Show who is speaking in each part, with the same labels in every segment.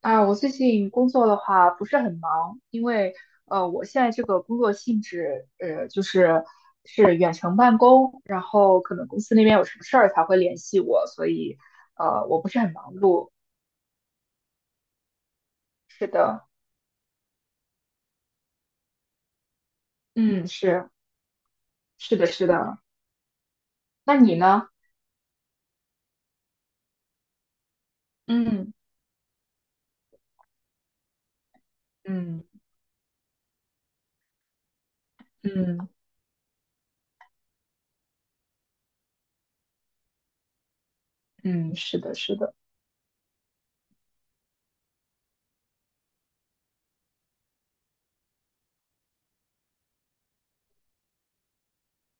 Speaker 1: 啊，我最近工作的话不是很忙，因为我现在这个工作性质，就是是远程办公，然后可能公司那边有什么事儿才会联系我，所以我不是很忙碌。是的，嗯，是是的，是的。那你呢？嗯嗯嗯嗯，是的，是的。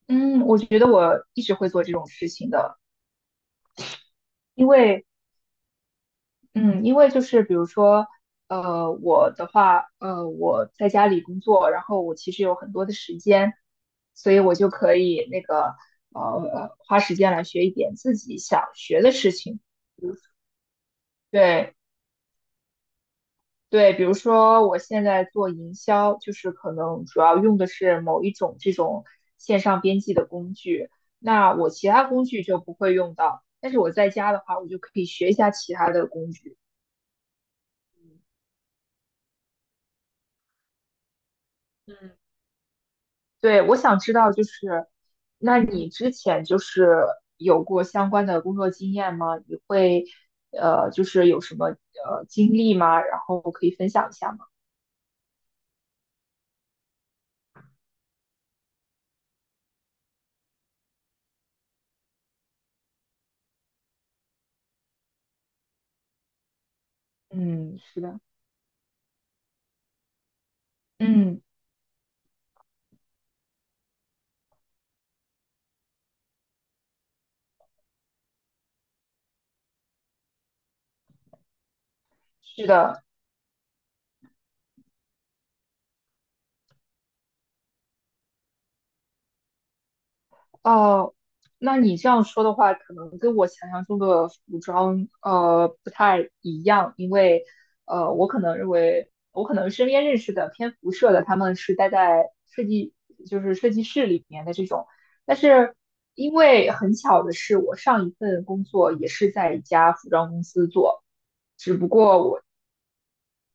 Speaker 1: 嗯，我觉得我一直会做这种事情的，因为嗯，因为就是比如说，我的话，我在家里工作，然后我其实有很多的时间，所以我就可以那个，花时间来学一点自己想学的事情。对对，比如说我现在做营销，就是可能主要用的是某一种这种线上编辑的工具，那我其他工具就不会用到，但是我在家的话，我就可以学一下其他的工具。嗯对，我想知道就是，那你之前就是有过相关的工作经验吗？你会就是有什么经历吗？然后可以分享一下吗？嗯，是的，嗯，是的，哦，那你这样说的话，可能跟我想象中的服装不太一样，因为我可能认为我可能身边认识的偏服设的，他们是待在设计设计室里面的这种，但是因为很巧的是，我上一份工作也是在一家服装公司做，只不过。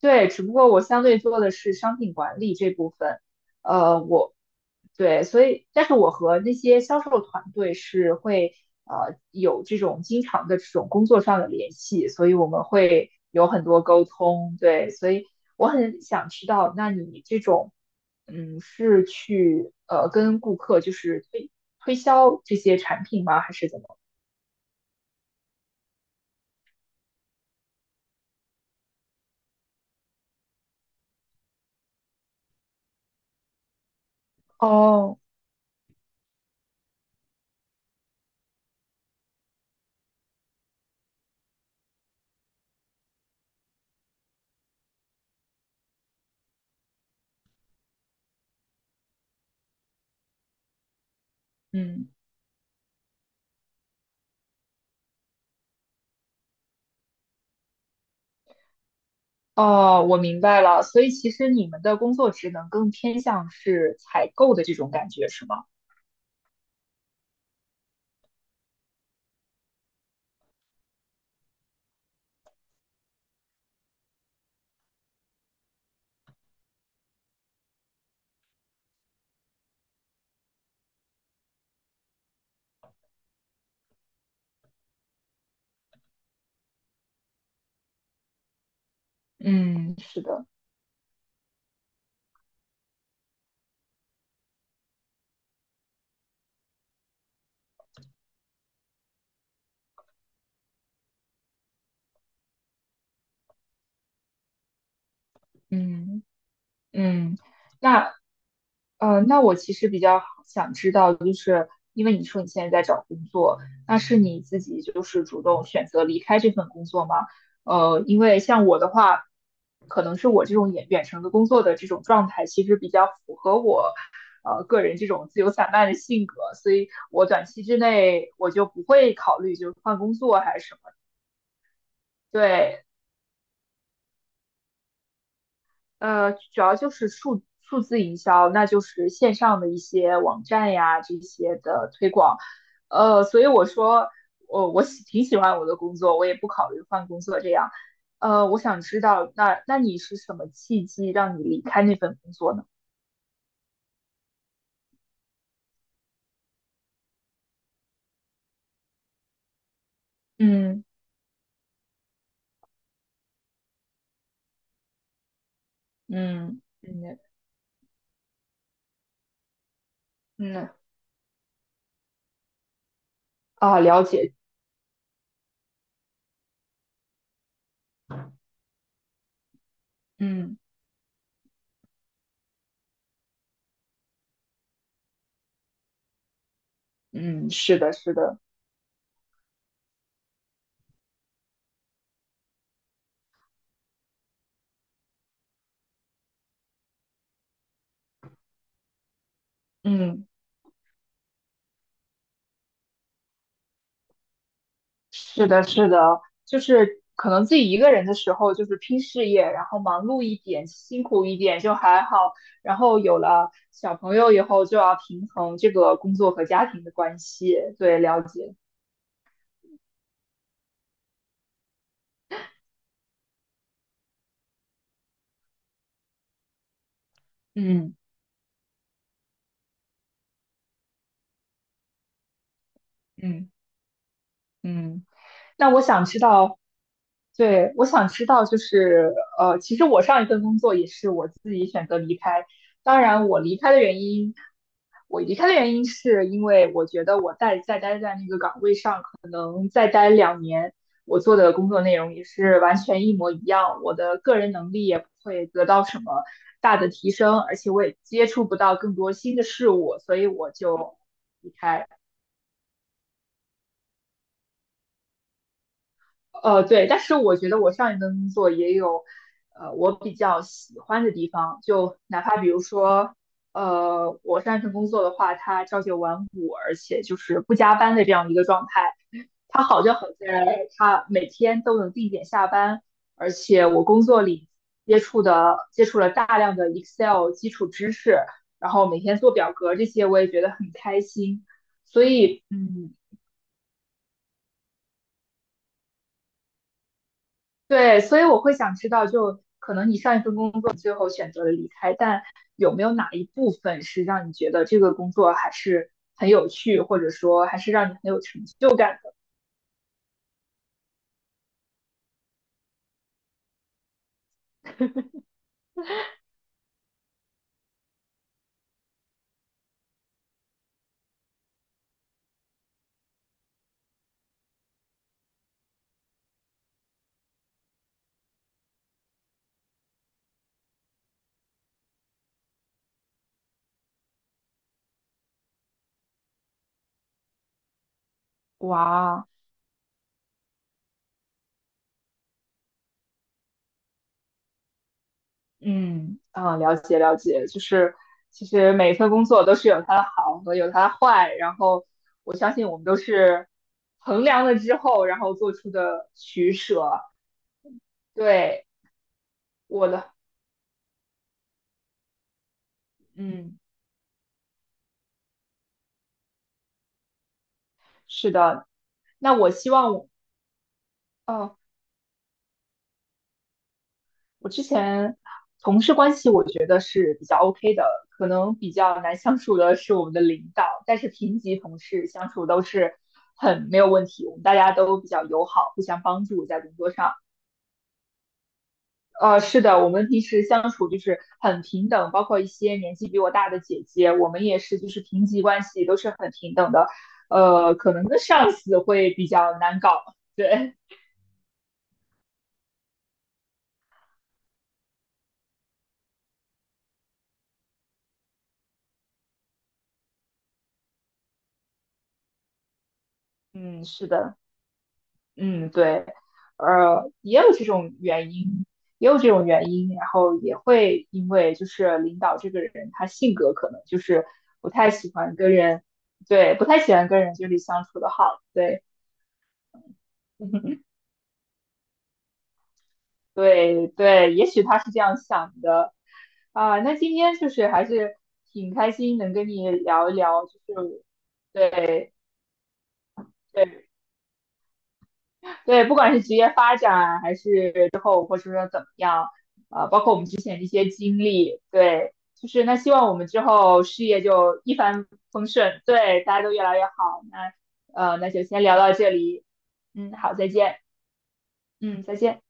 Speaker 1: 对，只不过我相对做的是商品管理这部分，呃，我对，所以但是我和那些销售团队是会有这种经常的这种工作上的联系，所以我们会有很多沟通，对，所以我很想知道，那你这种嗯是去跟顾客就是推销这些产品吗，还是怎么？哦。嗯哦，我明白了。所以其实你们的工作职能更偏向是采购的这种感觉，是吗？嗯，是的，嗯嗯。那那我其实比较想知道，就是因为你说你现在在找工作，那是你自己就是主动选择离开这份工作吗？因为像我的话，可能是我这种远程的工作的这种状态，其实比较符合我个人这种自由散漫的性格，所以我短期之内我就不会考虑就是换工作还是什么。对，主要就是数字营销，那就是线上的一些网站呀这些的推广。所以我说我挺喜欢我的工作，我也不考虑换工作这样。我想知道，那你是什么契机让你离开那份工作呢？嗯嗯嗯嗯嗯啊，了解，嗯嗯，是的，是的，嗯。是的，是的，就是可能自己一个人的时候，就是拼事业，然后忙碌一点，辛苦一点就还好。然后有了小朋友以后，就要平衡这个工作和家庭的关系。对，了解。嗯嗯嗯。那我想知道，对，我想知道，就是其实我上一份工作也是我自己选择离开。当然，我离开的原因，我离开的原因是因为我觉得我再待在那个岗位上。再待2年，我做的工作内容也是完全一模一样，我的个人能力也不会得到什么大的提升，而且我也接触不到更多新的事物，所以我就离开。对，但是我觉得我上一份工作也有，我比较喜欢的地方，就哪怕比如说，我上一份工作的话，它朝九晚五，而且就是不加班的这样一个状态。他好就好在他每天都能定点下班，而且我工作里接触了大量的 Excel 基础知识，然后每天做表格这些，我也觉得很开心。所以，嗯，对，所以我会想知道，就可能你上一份工作最后选择了离开，但有没有哪一部分是让你觉得这个工作还是很有趣，或者说还是让你很有成就感？哇，嗯，啊，了解，就是其实每一份工作都是有它的好和有它的坏，然后我相信我们都是衡量了之后，然后做出的取舍。对，我的，嗯，是的。那我希望我，哦，我之前同事关系我觉得是比较 OK 的，可能比较难相处的是我们的领导，但是平级同事相处都是很没有问题，我们大家都比较友好，互相帮助在工作上。是的，我们平时相处就是很平等，包括一些年纪比我大的姐姐，我们也是就是平级关系，都是很平等的。可能跟上司会比较难搞，对，嗯，是的，嗯，对，也有这种原因，也有这种原因，然后也会因为就是领导这个人他性格可能就是不太喜欢跟人，对，不太喜欢跟人就是相处的好，对，对对，也许他是这样想的啊。那今天就是还是挺开心能跟你聊一聊，就是对对对，不管是职业发展还是之后或者说怎么样，啊，包括我们之前的一些经历，对，就是那希望我们之后事业就一帆风顺，对，大家都越来越好。那那就先聊到这里，嗯，好，再见，嗯，再见。